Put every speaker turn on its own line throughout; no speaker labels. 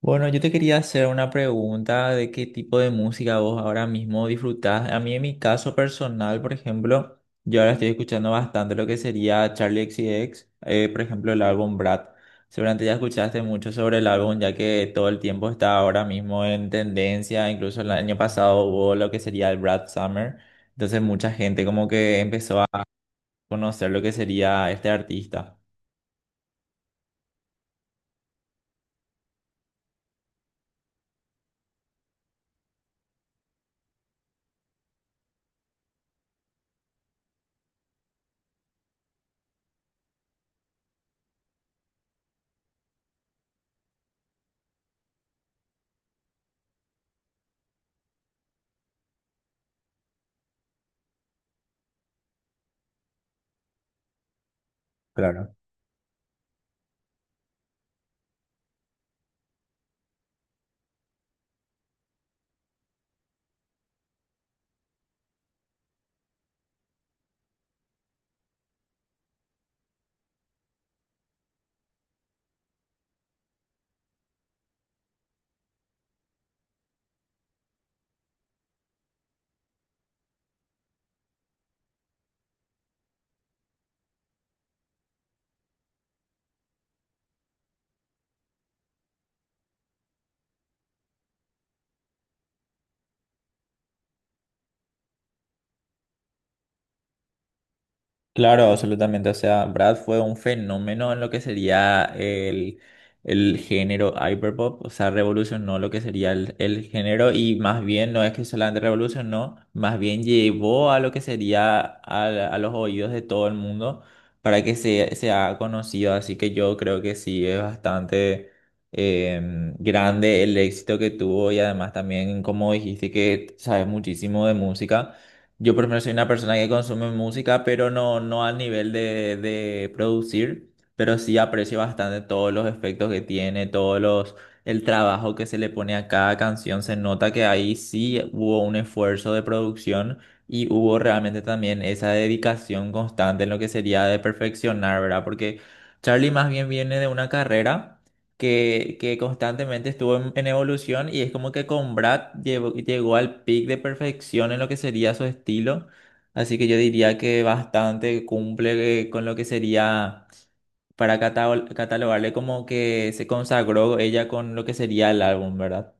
Bueno, yo te quería hacer una pregunta de qué tipo de música vos ahora mismo disfrutás. A mí en mi caso personal, por ejemplo, yo ahora estoy escuchando bastante lo que sería Charlie X C X, por ejemplo, el álbum Brad. Seguramente ya escuchaste mucho sobre el álbum, ya que todo el tiempo está ahora mismo en tendencia, incluso el año pasado hubo lo que sería el Brad Summer, entonces mucha gente como que empezó a conocer lo que sería este artista. Claro, absolutamente. O sea, Brad fue un fenómeno en lo que sería el género hyperpop. O sea, revolucionó lo que sería el género y más bien no es que solamente revolucionó, más bien llevó a lo que sería a los oídos de todo el mundo para que sea conocido. Así que yo creo que sí es bastante grande el éxito que tuvo y además también, como dijiste, que sabes muchísimo de música. Yo por lo menos soy una persona que consume música, pero no al nivel de producir, pero sí aprecio bastante todos los efectos que tiene, el trabajo que se le pone a cada canción. Se nota que ahí sí hubo un esfuerzo de producción y hubo realmente también esa dedicación constante en lo que sería de perfeccionar, ¿verdad? Porque Charlie más bien viene de una carrera que constantemente estuvo en evolución y es como que con Brad llegó al pic de perfección en lo que sería su estilo. Así que yo diría que bastante cumple con lo que sería para catalogarle como que se consagró ella con lo que sería el álbum, ¿verdad?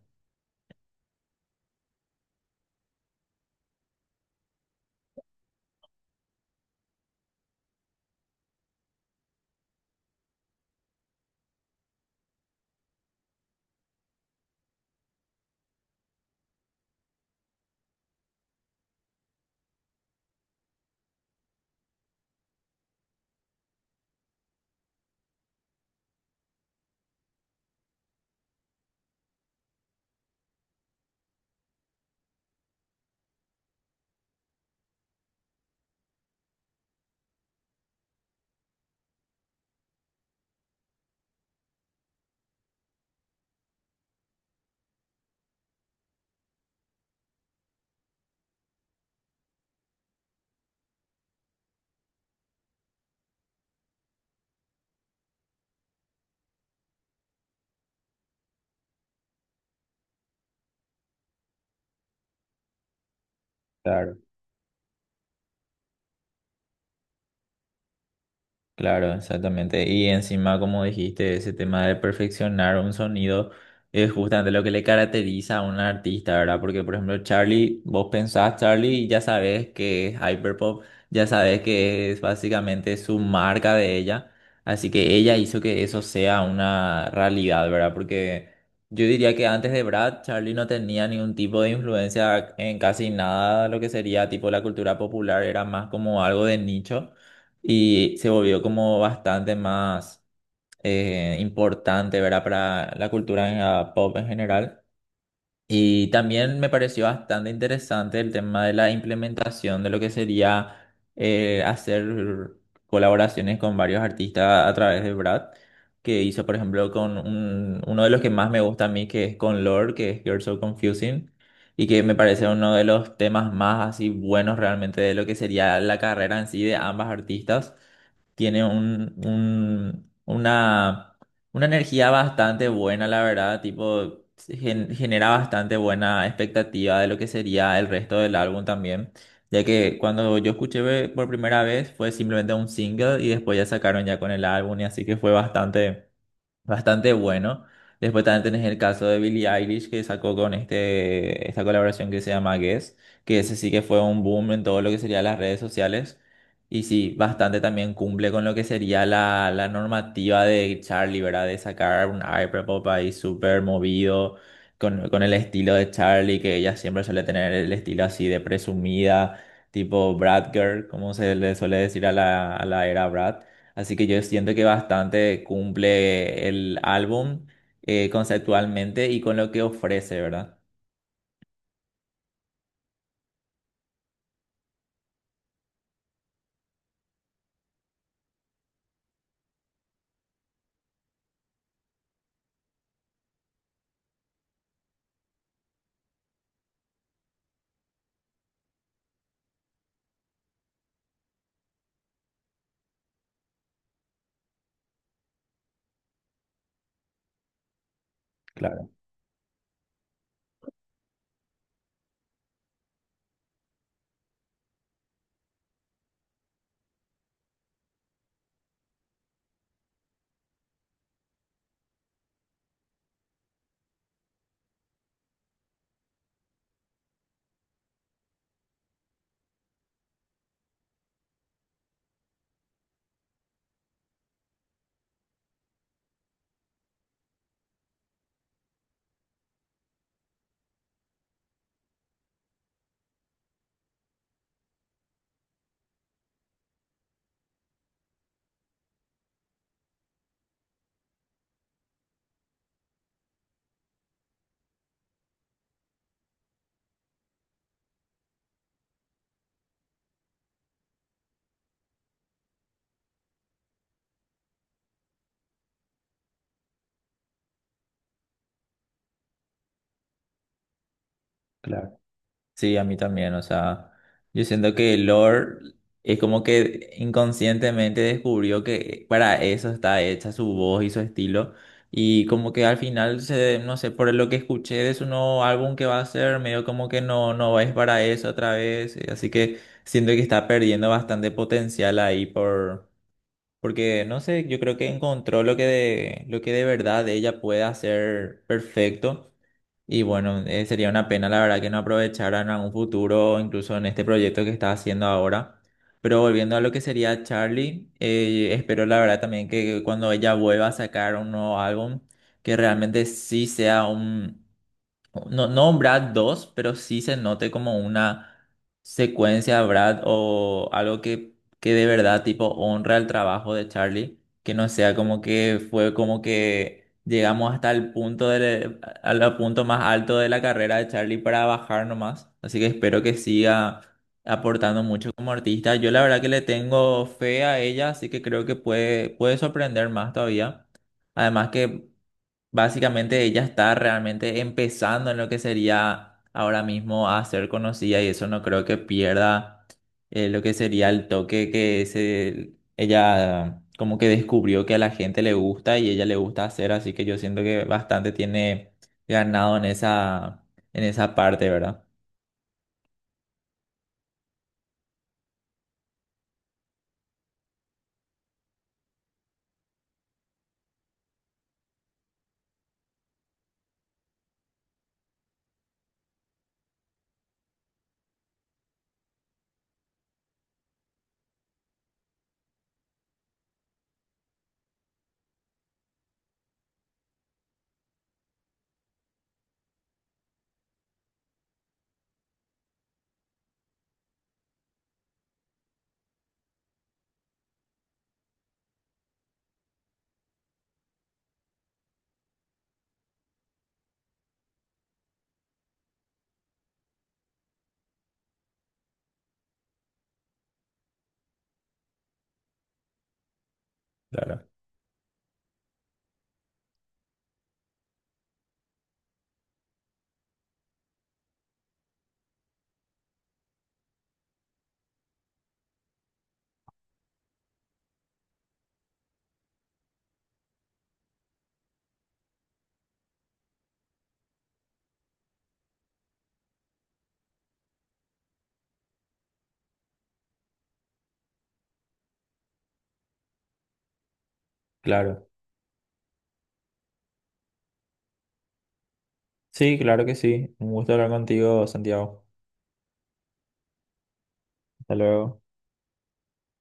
Claro, exactamente. Y encima, como dijiste, ese tema de perfeccionar un sonido es justamente lo que le caracteriza a un artista, ¿verdad? Porque, por ejemplo, Charlie, vos pensás Charlie y ya sabes que es hyperpop, ya sabes que es básicamente su marca de ella. Así que ella hizo que eso sea una realidad, ¿verdad? Porque yo diría que antes de Brad, Charlie no tenía ningún tipo de influencia en casi nada, lo que sería tipo la cultura popular, era más como algo de nicho y se volvió como bastante más importante, ¿verdad? Para la cultura en la pop en general. Y también me pareció bastante interesante el tema de la implementación de lo que sería hacer colaboraciones con varios artistas a través de Brad, que hizo, por ejemplo, con uno de los que más me gusta a mí, que es con Lorde, que es You're So Confusing. Y que me parece uno de los temas más así buenos realmente de lo que sería la carrera en sí de ambas artistas. Tiene una energía bastante buena, la verdad, tipo, genera bastante buena expectativa de lo que sería el resto del álbum también, ya que cuando yo escuché por primera vez fue simplemente un single y después ya sacaron ya con el álbum y así que fue bastante bueno. Después también tenés el caso de Billie Eilish que sacó con esta colaboración que se llama Guess, que ese sí que fue un boom en todo lo que sería las redes sociales. Y sí, bastante también cumple con lo que sería la normativa de Charlie, ¿verdad? De sacar un hyperpop ahí súper movido, con el estilo de Charlie, que ella siempre suele tener el estilo así de presumida, tipo Brat Girl, como se le suele decir a a la era Brad. Así que yo siento que bastante cumple el álbum conceptualmente y con lo que ofrece, ¿verdad? Claro, claro. Sí, a mí también, o sea, yo siento que Lord es como que inconscientemente descubrió que para eso está hecha su voz y su estilo y como que al final se, no sé, por lo que escuché de su nuevo álbum que va a hacer, medio como que no es para eso otra vez, así que siento que está perdiendo bastante potencial ahí Porque, no sé, yo creo que encontró lo que de verdad ella puede hacer perfecto. Y bueno, sería una pena, la verdad, que no aprovecharan a un futuro, incluso en este proyecto que está haciendo ahora. Pero volviendo a lo que sería Charlie, espero la verdad también que cuando ella vuelva a sacar un nuevo álbum, que realmente sí sea no, no un Brad 2, pero sí se note como una secuencia Brad o algo que de verdad tipo honra el trabajo de Charlie, que no sea como que fue como que llegamos hasta el punto al punto más alto de la carrera de Charlie para bajar nomás. Así que espero que siga aportando mucho como artista. Yo la verdad que le tengo fe a ella, así que creo que puede sorprender más todavía. Además que Básicamente ella está realmente empezando en lo que sería ahora mismo a ser conocida y eso no creo que pierda lo que sería el toque ella como que descubrió que a la gente le gusta y ella le gusta hacer, así que yo siento que bastante tiene ganado en esa parte, ¿verdad? Claro, claro. Sí, claro que sí. Un gusto hablar contigo, Santiago. Hasta luego.